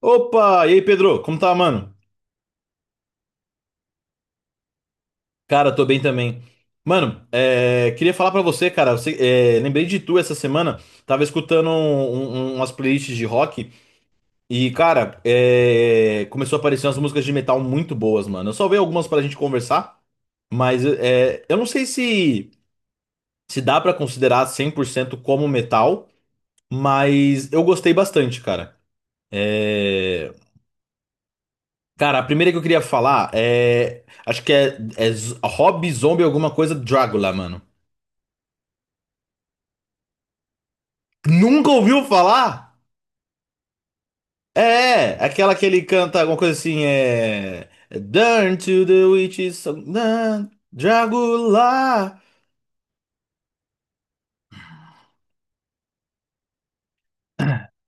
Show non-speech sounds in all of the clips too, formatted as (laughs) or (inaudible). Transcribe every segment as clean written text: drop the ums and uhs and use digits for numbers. Opa! E aí, Pedro? Como tá, mano? Cara, tô bem também. Mano, é, queria falar pra você, cara. É, lembrei de tu essa semana. Tava escutando umas playlists de rock e, cara, é, começou a aparecer umas músicas de metal muito boas, mano. Eu salvei algumas pra gente conversar, mas é, eu não sei se dá pra considerar 100% como metal, mas eu gostei bastante, cara. É, cara, a primeira que eu queria falar é. Acho que é Rob Zombie alguma coisa Drácula, mano. Nunca ouviu falar? É, aquela que ele canta alguma coisa assim, é. Turn to the witches, song, dun, Drácula.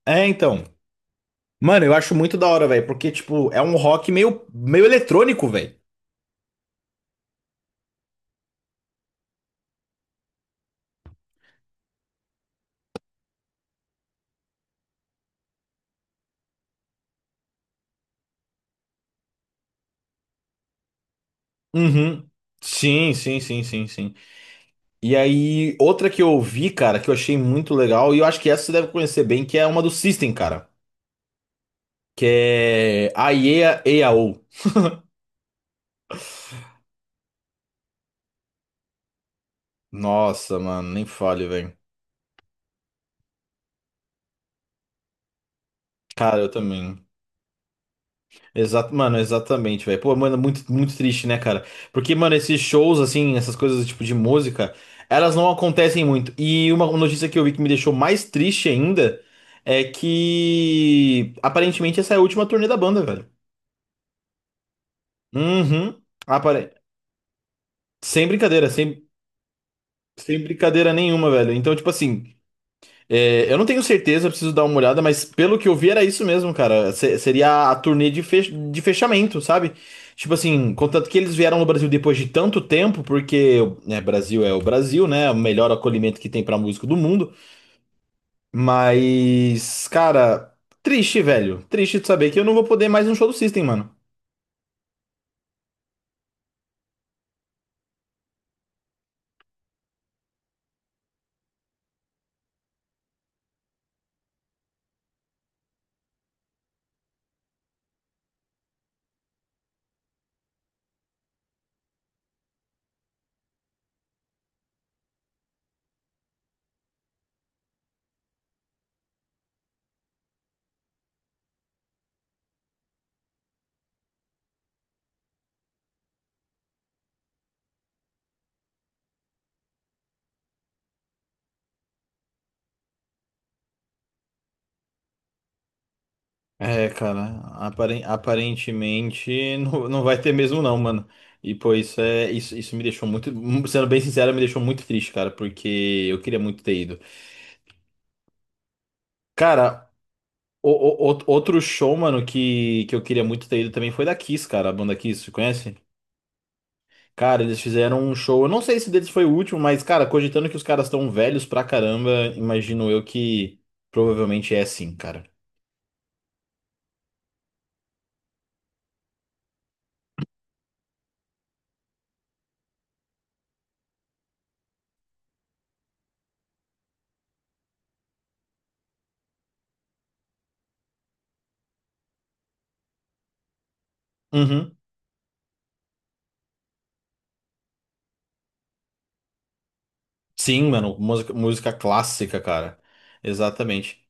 É, então. Mano, eu acho muito da hora, velho, porque, tipo, é um rock meio, meio eletrônico, velho. Uhum. Sim, sim, sim, sim, sim. E aí, outra que eu ouvi, cara, que eu achei muito legal, e eu acho que essa você deve conhecer bem, que é uma do System, cara. Que é a EA, EAO. Nossa, mano, nem fale, velho. Cara, eu também. Exato, mano, exatamente, velho. Pô, mano, muito, muito triste, né, cara? Porque, mano, esses shows, assim, essas coisas tipo de música, elas não acontecem muito. E uma notícia que eu vi que me deixou mais triste ainda é que aparentemente essa é a última turnê da banda, velho. Uhum. Apare... Sem brincadeira, sem brincadeira nenhuma, velho. Então, tipo assim. É, eu não tenho certeza, eu preciso dar uma olhada, mas pelo que eu vi era isso mesmo, cara. Seria a turnê de, de fechamento, sabe? Tipo assim, contanto que eles vieram no Brasil depois de tanto tempo, porque né, Brasil é o Brasil, né? O melhor acolhimento que tem pra músico do mundo. Mas, cara, triste, velho. Triste de saber que eu não vou poder mais um show do System, mano. É, cara, aparentemente (laughs) não vai ter mesmo não, mano. E pô, isso é isso, isso me deixou muito, sendo bem sincero, me deixou muito triste, cara, porque eu queria muito ter ido. Cara, o outro show, mano, que eu queria muito ter ido também foi da Kiss, cara, a banda Kiss, você conhece? Cara, eles fizeram um show, eu não sei se deles foi o último, mas cara, cogitando que os caras estão velhos pra caramba, imagino eu que provavelmente é sim, cara. Uhum. Sim, mano, música, música clássica, cara. Exatamente.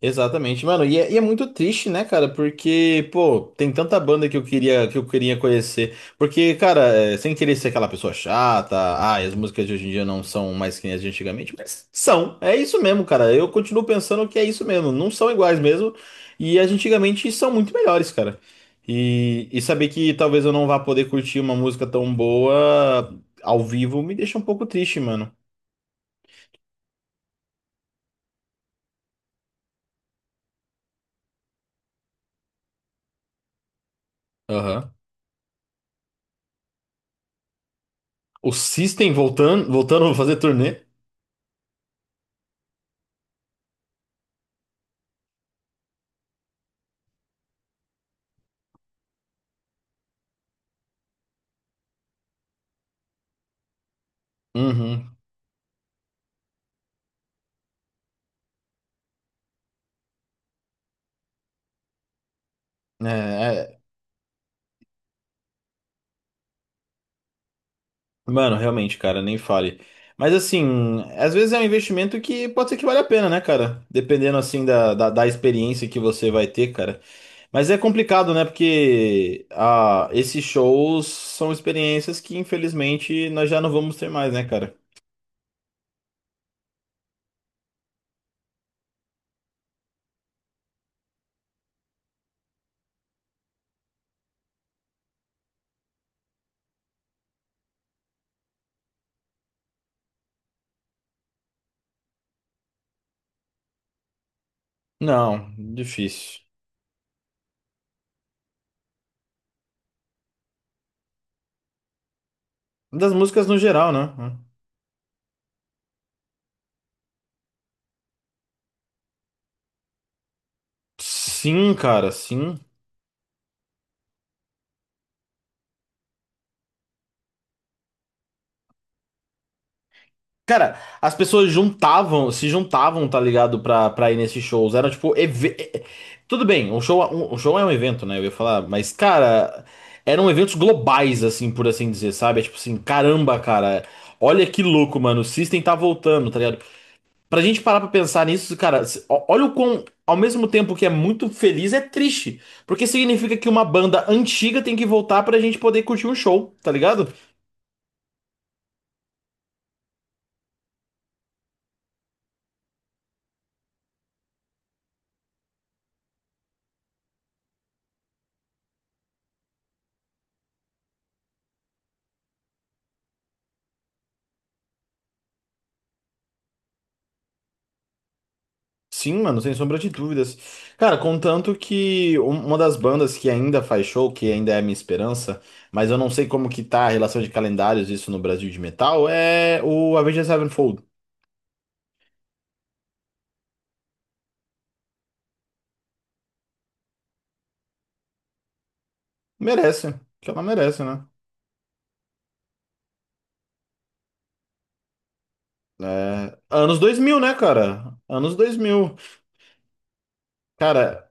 Exatamente, mano. E é muito triste, né, cara? Porque, pô, tem tanta banda que eu queria conhecer. Porque, cara, é, sem querer ser aquela pessoa chata, ah, e as músicas de hoje em dia não são mais que nem as de antigamente, mas são. É isso mesmo, cara. Eu continuo pensando que é isso mesmo. Não são iguais mesmo. E as de antigamente são muito melhores, cara. E saber que talvez eu não vá poder curtir uma música tão boa ao vivo me deixa um pouco triste, mano. Aham. O System voltando, voltando a fazer turnê. Uhum. É, mano, realmente, cara, nem fale. Mas assim, às vezes é um investimento que pode ser que vale a pena, né, cara? Dependendo assim da experiência que você vai ter, cara. Mas é complicado, né? Porque ah, esses shows são experiências que infelizmente nós já não vamos ter mais, né, cara? Não, difícil. Das músicas no geral, né? Sim. Cara, as pessoas juntavam, se juntavam, tá ligado? Pra ir nesses shows. Era tipo. Tudo bem, um show, um show é um evento, né? Eu ia falar, mas, cara, eram eventos globais, assim, por assim dizer, sabe? É tipo assim, caramba, cara, olha que louco, mano. O System tá voltando, tá ligado? Pra gente parar pra pensar nisso, cara, olha o quão. Ao mesmo tempo que é muito feliz, é triste. Porque significa que uma banda antiga tem que voltar pra gente poder curtir um show, tá ligado? Sim, mano, sem sombra de dúvidas. Cara, contanto que uma das bandas que ainda faz show, que ainda é a minha esperança, mas eu não sei como que tá a relação de calendários isso no Brasil de metal, é o Avenged Sevenfold. Merece, que ela merece, né? É, Anos 2000 né, cara? Anos 2000 Cara,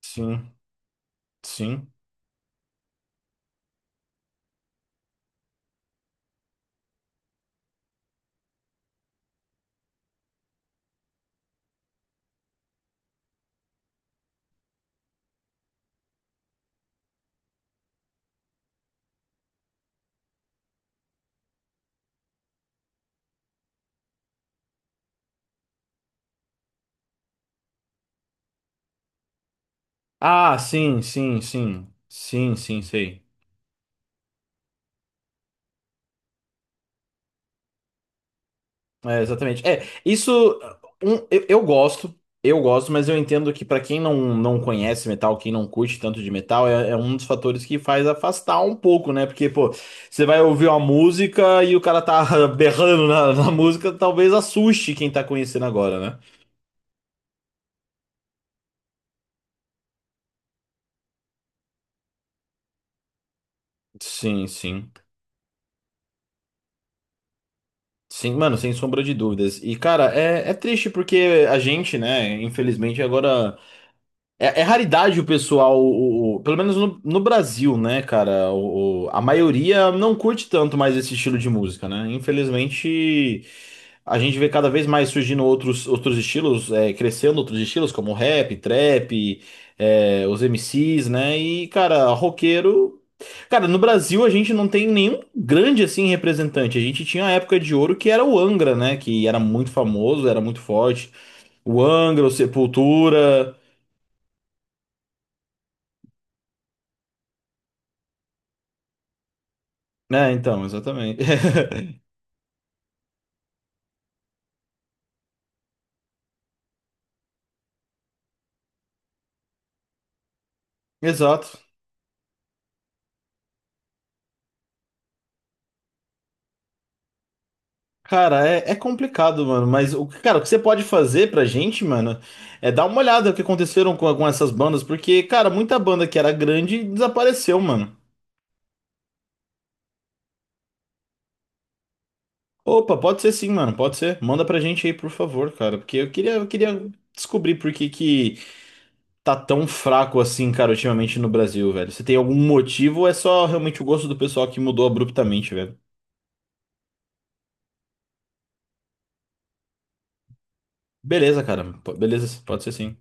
sim, sim. Ah, sim, sim, sim. Sim, sim, sei. É, exatamente. É, isso um, eu gosto, mas eu entendo que pra quem não conhece metal, quem não curte tanto de metal, é um dos fatores que faz afastar um pouco, né? Porque, pô, você vai ouvir uma música e o cara tá (laughs) berrando na música, talvez assuste quem tá conhecendo agora, né? Sim, sim. Sim, mano, sem sombra de dúvidas. E, cara, é triste porque a gente, né, infelizmente agora. É, é raridade o pessoal, pelo menos no, Brasil, né, cara? A maioria não curte tanto mais esse estilo de música, né? Infelizmente, a gente vê cada vez mais surgindo outros estilos, é, crescendo outros estilos, como rap, trap, é, os MCs, né? E, cara, roqueiro. Cara, no Brasil a gente não tem nenhum grande assim representante. A gente tinha a época de ouro que era o Angra, né? Que era muito famoso, era muito forte. O Angra, o Sepultura. É, então, exatamente. (laughs) Exato. Cara, é complicado, mano, mas cara, o que você pode fazer pra gente, mano, é dar uma olhada no que aconteceram com essas bandas, porque, cara, muita banda que era grande desapareceu, mano. Opa, pode ser sim, mano, pode ser. Manda pra gente aí, por favor, cara, porque eu queria descobrir por que que tá tão fraco assim, cara, ultimamente no Brasil, velho. Você tem algum motivo ou é só realmente o gosto do pessoal que mudou abruptamente, velho? Beleza, cara, beleza, pode ser sim.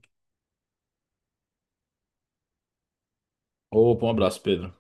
Opa, um abraço, Pedro.